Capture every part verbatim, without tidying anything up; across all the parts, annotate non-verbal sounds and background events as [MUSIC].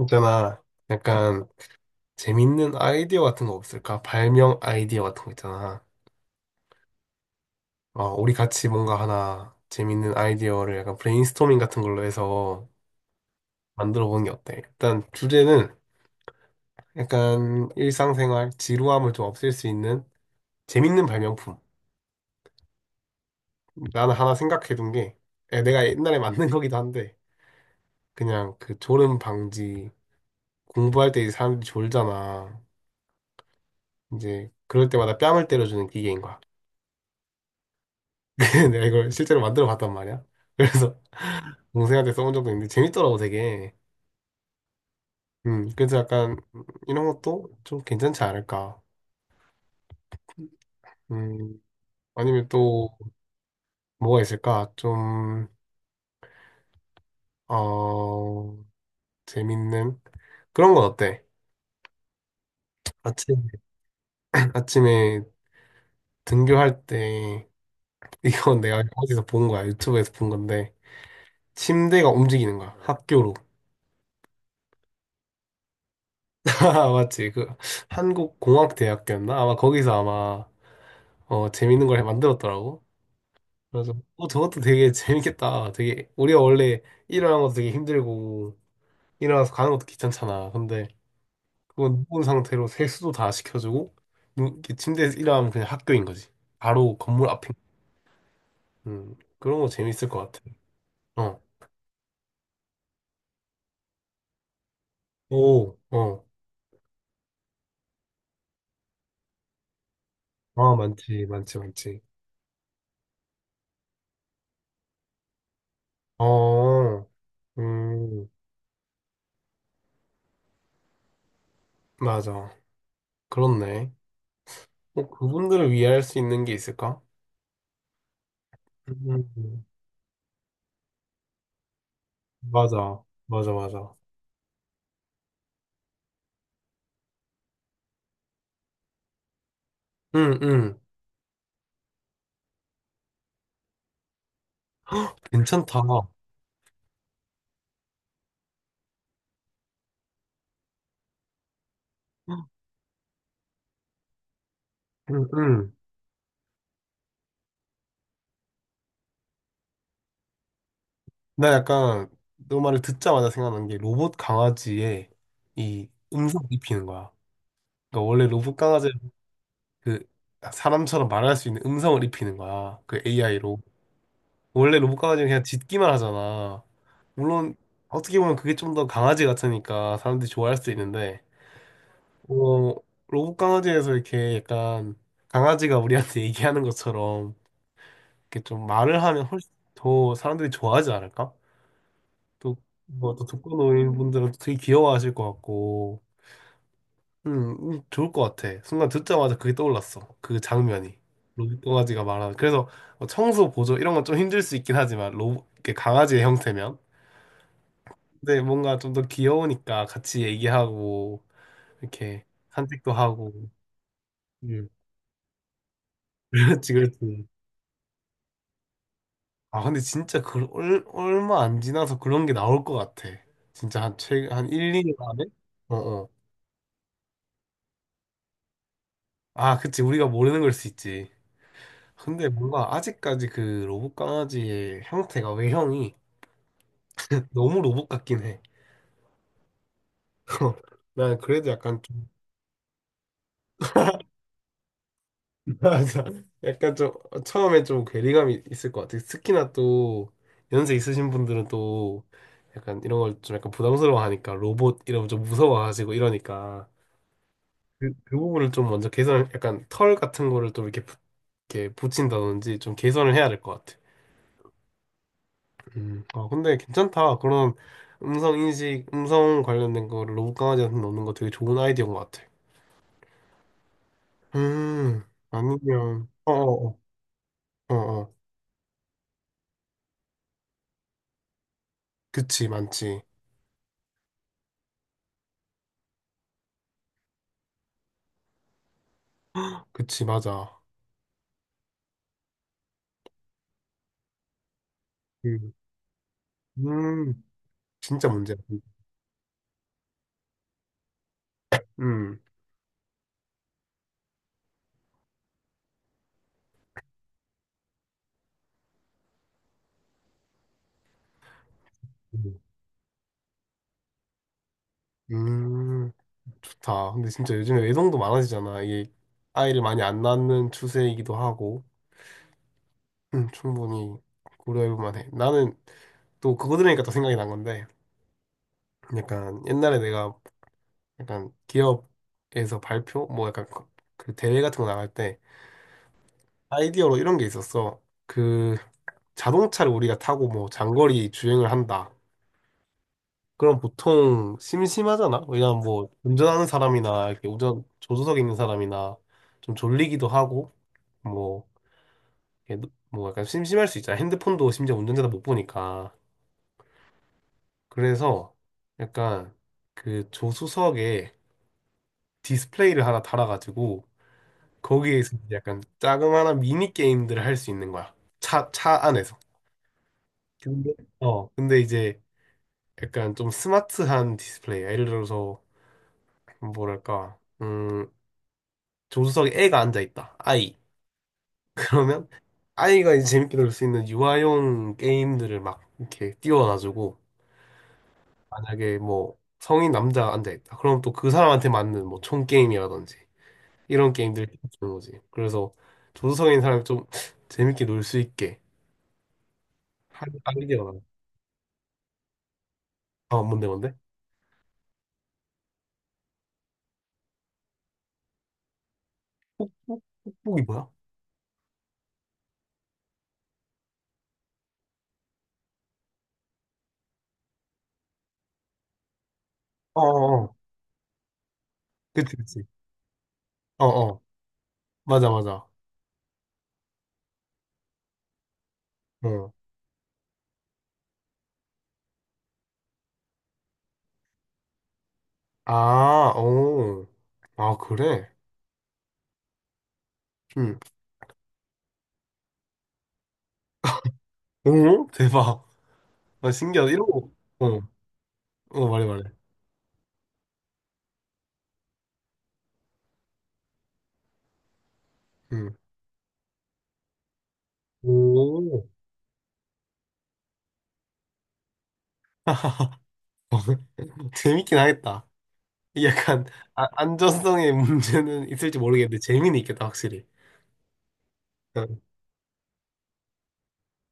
있잖아. 약간 재밌는 아이디어 같은 거 없을까? 발명 아이디어 같은 거 있잖아. 어, 우리 같이 뭔가 하나 재밌는 아이디어를 약간 브레인스토밍 같은 걸로 해서 만들어 보는 게 어때? 일단 주제는 약간 일상생활 지루함을 좀 없앨 수 있는 재밌는 발명품. 나는 하나 생각해 둔 게 에, 내가 옛날에 만든 거기도 한데 그냥 그 졸음 방지 공부할 때 이제 사람들이 졸잖아. 이제 그럴 때마다 뺨을 때려주는 기계인 거야. [LAUGHS] 내가 이걸 실제로 만들어 봤단 말이야. 그래서 [LAUGHS] 동생한테 써본 적도 있는데 재밌더라고 되게. 음, 그래서 약간 이런 것도 좀 괜찮지 않을까. 음, 아니면 또 뭐가 있을까? 좀, 어, 재밌는 그런 건 어때? 아침, [CLEARS THROAT] [LAUGHS] 아침에 등교할 때 [LAUGHS] 이건 내가 어디서 본 거야. 유튜브에서 본 건데 침대가 움직이는 거야. 학교로. [LAUGHS] 맞지? 그 한국공학대학교였나? 아마 거기서 아마 어, 재밌는 걸 만들었더라고. 그래서 어 저것도 되게 재밌겠다. 되게 우리가 원래 일어나는 것도 되게 힘들고 일어나서 가는 것도 귀찮잖아. 근데 그건 누운 상태로 세수도 다 시켜주고 누, 이렇게 침대에서 일어나면 그냥 학교인 거지. 바로 건물 앞인 거지. 음 그런 거 재밌을 것 같아. 어. 오. 어. 아 많지 많지 많지. 어. 음 맞아. 그렇네. 뭐 그분들을 위해 할 수 있는 게 있을까? 음, 맞아 맞아 맞아. 응 응. [GASPS] 괜찮다. 응, 응. 나 약간 너 말을 듣자마자 생각난 게 로봇 강아지에 이 음성을 입히는 거야. 그러니까 원래 로봇 강아지 그 사람처럼 말할 수 있는 음성을 입히는 거야. 그 에이아이로. 원래 로봇 강아지는 그냥 짖기만 하잖아. 물론 어떻게 보면 그게 좀 더 강아지 같으니까 사람들이 좋아할 수 있는데 어, 로봇 강아지에서 이렇게 약간 강아지가 우리한테 [LAUGHS] 얘기하는 것처럼 이렇게 좀 말을 하면 훨씬 더 사람들이 좋아하지 않을까? 또, 뭐, 또 독거노인 분들은 되게 귀여워하실 것 같고, 음, 음, 좋을 것 같아. 순간 듣자마자 그게 떠올랐어. 그 장면이. 로봇 강아지가 말하는. 그래서 뭐 청소 보조 이런 건 좀 힘들 수 있긴 하지만, 로봇, 이렇게 강아지의 형태면. 근데 뭔가 좀 더 귀여우니까 같이 얘기하고, 이렇게 산책도 하고. 음, [LAUGHS] 그렇지, 그렇지. 아, 근데 진짜 그, 얼, 얼마 안 지나서 그런 게 나올 것 같아. 진짜 한 최, 한 일, 이 년 안에? 어, 어. 아, 그치. 우리가 모르는 걸 수 있지. 근데 뭔가 아직까지 그 로봇 강아지의 형태가 외형이 너무 로봇 같긴 해. [LAUGHS] 난 그래도 약간 좀 [LAUGHS] 맞아. 약간 좀 처음에 좀 괴리감이 있을 것 같아. 특히나 또 연세 있으신 분들은 또 약간 이런 걸 좀 약간 부담스러워하니까 로봇 이러면 좀 무서워하시고 이러니까 그, 그 부분을 좀 먼저 개선, 약간 털 같은 거를 좀 이렇게, 부- 이렇게 붙인다든지 좀 개선을 해야 될 것 같아. 음, 아, 근데 괜찮다. 그런 음성 인식, 음성 관련된 거 로봇 강아지한테 넣는 거 되게 좋은 아이디어인 것 같아. 음, 아니면, 어어어, 어어, 그치, 많지. 그치, 맞아. 음, 음, 진짜 문제야. 음, 음, 음, 좋다. 근데 진짜 요즘에 외동도 많아지잖아. 이게 아이를 많이 안 낳는 추세이기도 하고, 음, 충분히 고려해볼 만해. 나는 또 그거 들으니까 또 생각이 난 건데, 약간 옛날에 내가 약간 기업에서 발표 뭐 약간 그- 그 대회 같은 거 나갈 때 아이디어로 이런 게 있었어. 그 자동차를 우리가 타고 뭐 장거리 주행을 한다. 그럼 보통 심심하잖아. 왜냐면 뭐 운전하는 사람이나 이렇게 운전 조수석에 있는 사람이나 좀 졸리기도 하고 뭐 이렇게 뭐 약간 심심할 수 있잖아. 핸드폰도 심지어 운전자도 못 보니까. 그래서 약간 그 조수석에 디스플레이를 하나 달아가지고 거기에서 약간 자그마한 미니 게임들을 할 수 있는 거야. 차, 차 안에서. 근데? 어, 근데 이제 약간 좀 스마트한 디스플레이. 예를 들어서, 뭐랄까, 음, 조수석에 애가 앉아 있다. 아이. [LAUGHS] 그러면 아이가 이제 재밌게 놀 수 있는 유아용 게임들을 막 이렇게 띄워놔주고, 만약에 뭐 성인 남자가 앉아 있다. 그럼 또 그 사람한테 맞는 뭐 총 게임이라든지 이런 게임들을 주는 거지. 그래서 조수석에 있는 사람이 좀 재밌게 놀 수 있게 할 아이디어가 어, 뭔데, 뭔데? 뽁- 뽁뽁이 뭐야? 어, 어, 어. 그치, 그치. 어, 어. 맞아, 맞아. 어. 아, 어. 아, 그래? 응. 오, 대박. 아, 신기하다. 이런 거. 어, 어, 말해, 말해. 응. 오. [LAUGHS] 재밌긴 하겠다. 이게 약간, 아, 안전성의 문제는 있을지 모르겠는데, 재미는 있겠다, 확실히. 어,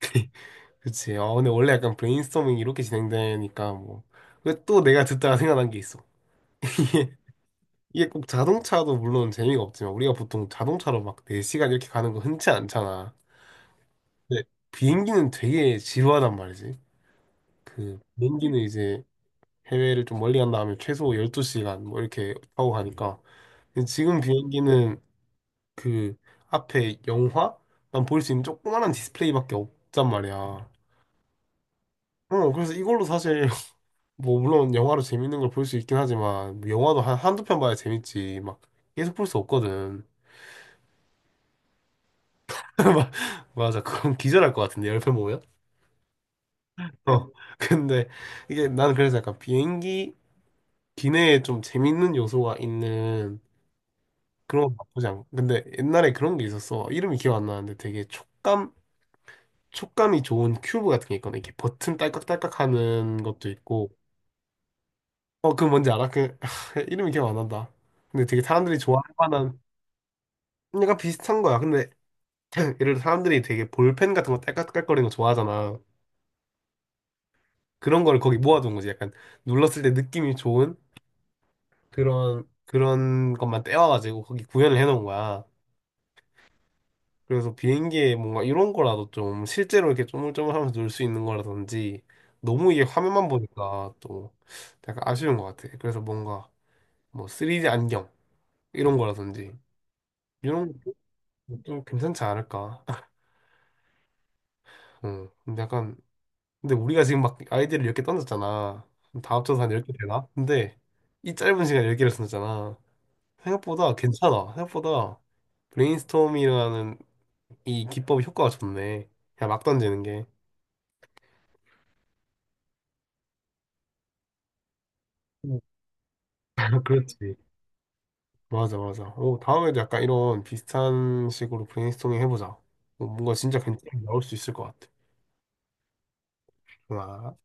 [LAUGHS] 그치. 아, 근데 원래 약간 브레인스토밍 이렇게 진행되니까, 뭐. 왜 또 내가 듣다가 생각난 게 있어. 이게 꼭 자동차도 물론 재미가 없지만 우리가 보통 자동차로 막 네 시간 이렇게 가는 거 흔치 않잖아. 근데 비행기는 되게 지루하단 말이지. 그 비행기는 이제 해외를 좀 멀리 간 다음에 최소 열두 시간 뭐 이렇게 타고 가니까. 근데 지금 비행기는 그 앞에 영화만 볼 수 있는 조그만한 디스플레이밖에 없단 말이야. 어, 그래서 이걸로 사실 [LAUGHS] 뭐 물론 영화로 재밌는 걸 볼 수 있긴 하지만 뭐 영화도 한 한두 편 봐야 재밌지. 막 계속 볼 수 없거든. [LAUGHS] 맞아. 그럼 기절할 것 같은데, 옆모 보면? 어. [LAUGHS] 근데 이게 나는 그래서 약간 비행기 기내에 좀 재밌는 요소가 있는 그런 거 나쁘지 않고. 근데 옛날에 그런 게 있었어. 이름이 기억 안 나는데 되게 촉감, 촉감이 좋은 큐브 같은 게 있거든. 이렇게 버튼 딸깍딸깍 하는 것도 있고. 어, 그 뭔지 알아? 그, [LAUGHS] 이름이 기억 안 난다. 근데 되게 사람들이 좋아할 만한 약간 비슷한 거야. 근데 예를 들어 사람들이 되게 볼펜 같은 거 딸깍딸깍거리는 거 좋아하잖아. 그런 걸 거기 모아둔 거지. 약간 눌렀을 때 느낌이 좋은 그런 그런 것만 떼와가지고 거기 구현을 해놓은 거야. 그래서 비행기에 뭔가 이런 거라도 좀 실제로 이렇게 쪼물쪼물하면서 놀 수 있는 거라든지 너무 이게 화면만 보니까 또 약간 아쉬운 것 같아. 그래서 뭔가 뭐 쓰리디 안경 이런 거라든지 이런 것도 좀 괜찮지 않을까? [LAUGHS] 응. 근데 약간 근데 우리가 지금 막 아이디를 열 개 던졌잖아. 다 합쳐서 한 열 개 되나? 근데 이 짧은 시간에 열 개를 썼잖아. 생각보다 괜찮아. 생각보다 브레인스토밍이라는 이 기법이 효과가 좋네. 그냥 막 던지는 게. 음. 아, 그렇지. 맞아, 맞아. 오, 다음에도 약간 이런 비슷한 식으로 브레인스토밍 해보자. 어, 뭔가 진짜 괜찮게 나올 수 있을 것 같아. 좋아.